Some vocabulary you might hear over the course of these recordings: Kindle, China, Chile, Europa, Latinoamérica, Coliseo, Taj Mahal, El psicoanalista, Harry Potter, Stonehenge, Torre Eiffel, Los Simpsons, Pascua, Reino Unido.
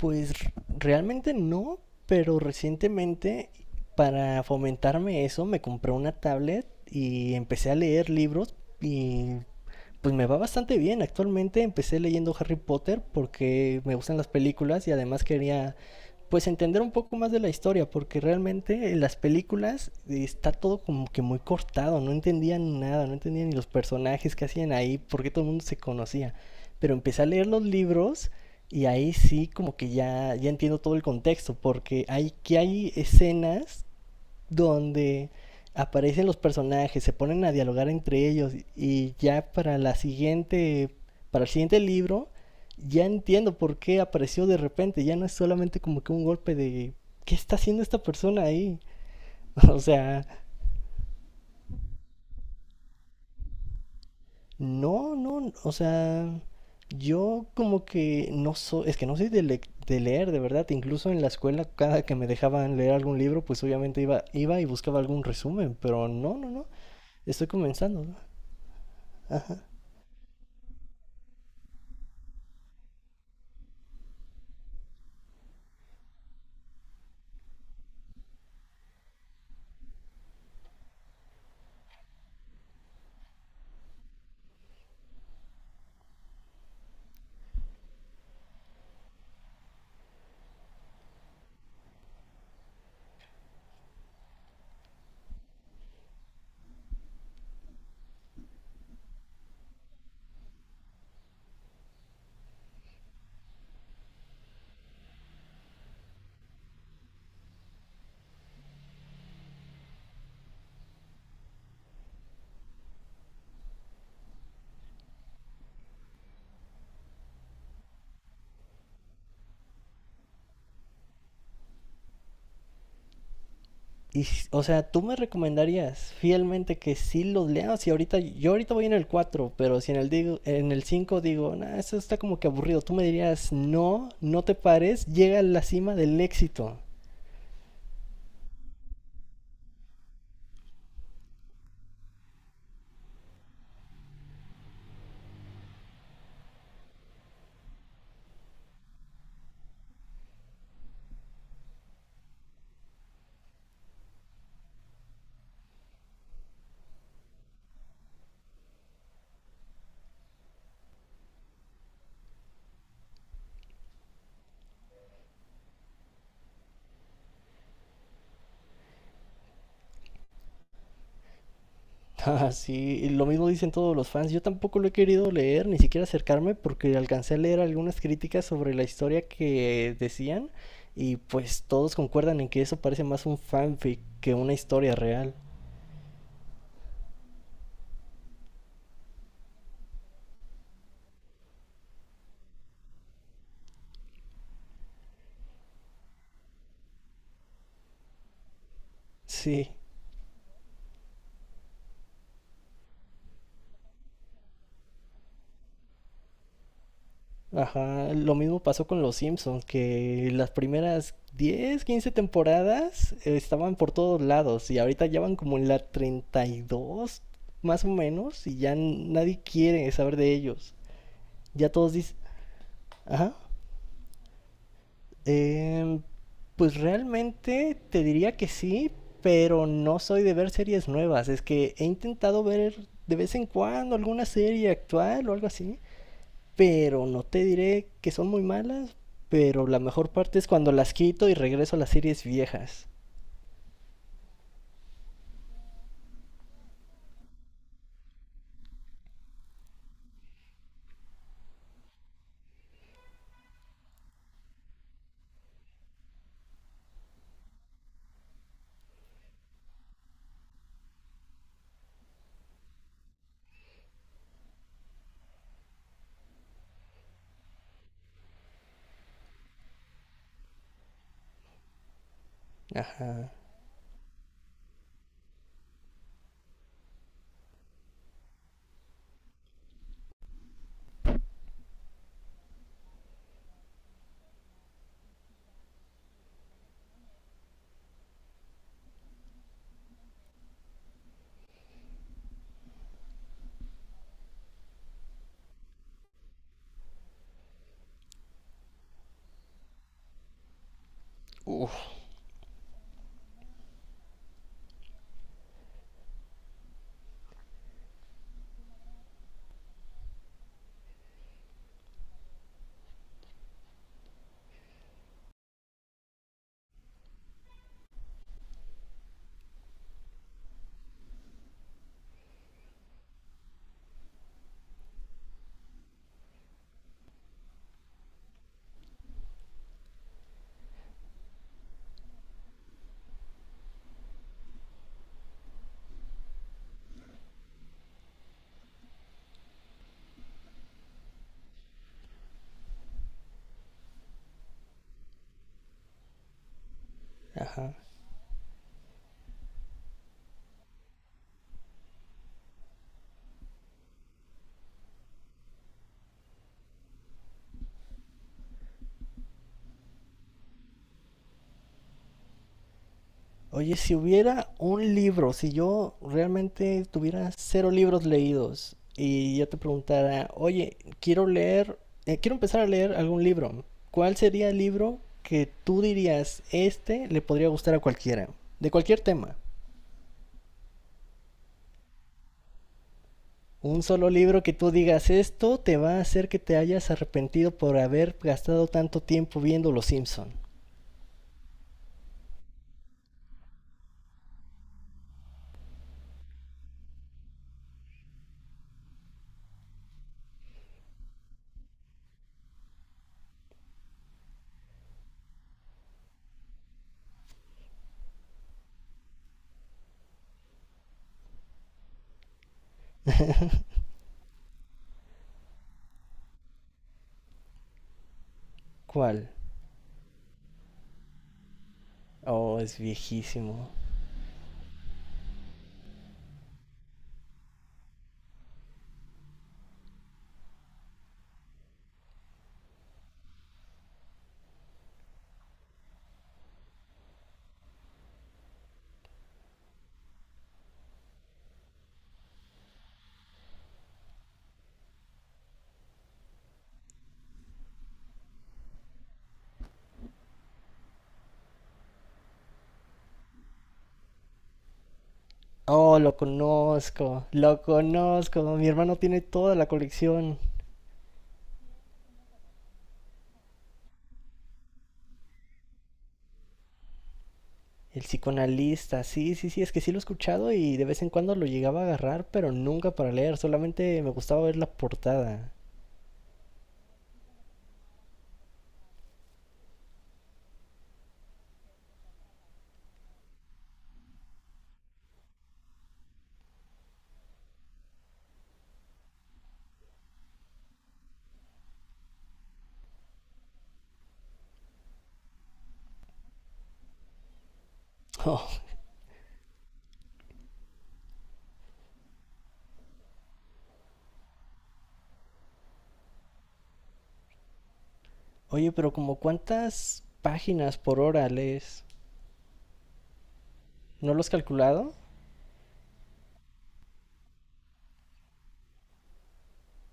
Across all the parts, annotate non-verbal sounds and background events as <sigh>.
Pues realmente no, pero recientemente para fomentarme eso me compré una tablet y empecé a leer libros y pues me va bastante bien. Actualmente empecé leyendo Harry Potter porque me gustan las películas y además quería pues entender un poco más de la historia porque realmente en las películas está todo como que muy cortado, no entendía nada, no entendía ni los personajes que hacían ahí, porque todo el mundo se conocía. Pero empecé a leer los libros y ahí sí, como que ya, ya entiendo todo el contexto, porque hay que hay escenas donde aparecen los personajes, se ponen a dialogar entre ellos y ya para el siguiente libro, ya entiendo por qué apareció de repente, ya no es solamente como que un golpe de ¿qué está haciendo esta persona ahí? <laughs> O sea, no, no, o sea, yo como que no soy, es que no soy de, de leer, de verdad, incluso en la escuela cada que me dejaban leer algún libro, pues obviamente iba, iba y buscaba algún resumen, pero no, no, no, estoy comenzando. ¿No? Y, o sea, ¿tú me recomendarías fielmente que sí los lea? Si ahorita, yo ahorita voy en el 4, pero si en el digo, en el 5 digo, nah, eso está como que aburrido, tú me dirías, no, no te pares, llega a la cima del éxito. <laughs> Ah, sí, y lo mismo dicen todos los fans. Yo tampoco lo he querido leer, ni siquiera acercarme, porque alcancé a leer algunas críticas sobre la historia que decían, y pues todos concuerdan en que eso parece más un fanfic que una historia real. Sí, ajá, lo mismo pasó con Los Simpsons, que las primeras 10 15 temporadas estaban por todos lados, y ahorita ya van como en la 32 más o menos, y ya nadie quiere saber de ellos. Ya todos dicen, ajá. Em, pues realmente te diría que sí, pero no soy de ver series nuevas. Es que he intentado ver de vez en cuando alguna serie actual o algo así, pero no te diré que son muy malas, pero la mejor parte es cuando las quito y regreso a las series viejas. Ajá, uf, ajá. Oye, si hubiera un libro, si yo realmente tuviera cero libros leídos y yo te preguntara, oye, quiero leer, quiero empezar a leer algún libro, ¿cuál sería el libro que tú dirías, este le podría gustar a cualquiera? De cualquier tema. Un solo libro que tú digas, esto te va a hacer que te hayas arrepentido por haber gastado tanto tiempo viendo Los Simpson. ¿Cuál? Oh, es viejísimo. Oh, lo conozco, lo conozco. Mi hermano tiene toda la colección. El psicoanalista, sí, sí, sí, es que sí lo he escuchado y de vez en cuando lo llegaba a agarrar, pero nunca para leer, solamente me gustaba ver la portada. Oh, oye, pero ¿como cuántas páginas por hora lees? ¿No lo has calculado?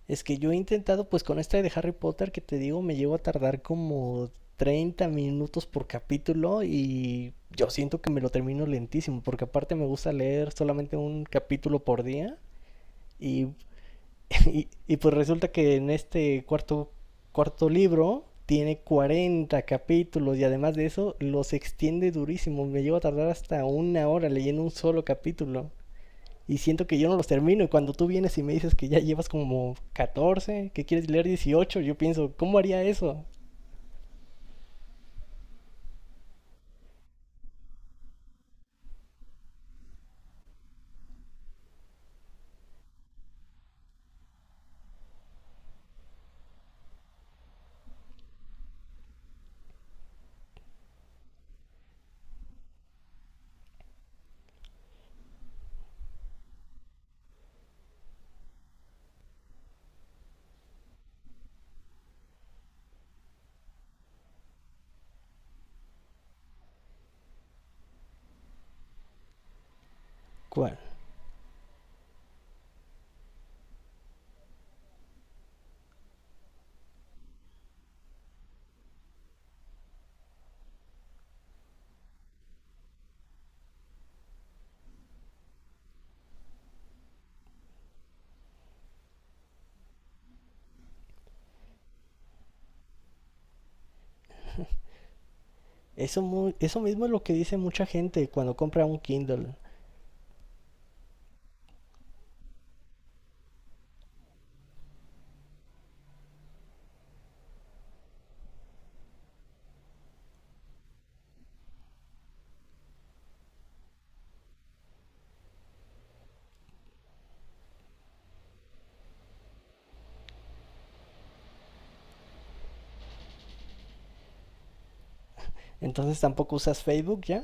Es que yo he intentado, pues con esta de Harry Potter que te digo, me llevo a tardar como 30 minutos por capítulo y yo siento que me lo termino lentísimo, porque aparte me gusta leer solamente un capítulo por día y, <laughs> y pues resulta que en este cuarto libro tiene 40 capítulos y además de eso los extiende durísimo, me llevo a tardar hasta una hora leyendo un solo capítulo y siento que yo no los termino. Y cuando tú vienes y me dices que ya llevas como 14 que quieres leer 18 yo pienso, ¿cómo haría eso? ¿Cuál? Eso, muy eso mismo es lo que dice mucha gente cuando compra un Kindle. Entonces tampoco usas Facebook ya.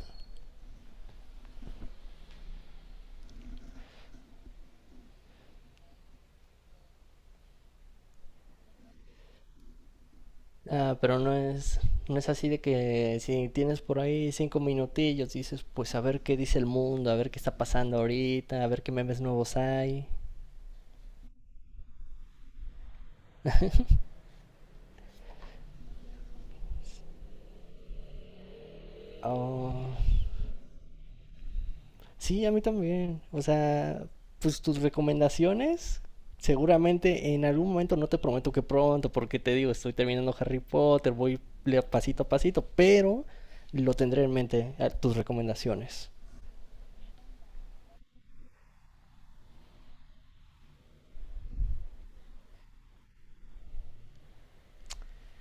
Ah, pero no es, no es así de que si tienes por ahí cinco minutillos, dices, pues a ver qué dice el mundo, a ver qué está pasando ahorita, a ver qué memes nuevos hay. Oh, sí, a mí también. O sea, pues tus recomendaciones, seguramente en algún momento, no te prometo que pronto, porque te digo, estoy terminando Harry Potter, voy pasito a pasito, pero lo tendré en mente, tus recomendaciones.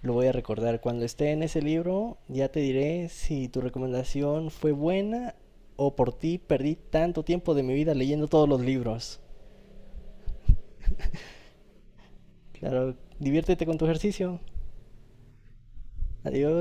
Lo voy a recordar. Cuando esté en ese libro, ya te diré si tu recomendación fue buena o por ti perdí tanto tiempo de mi vida leyendo todos los libros. Claro, diviértete con tu ejercicio. Adiós.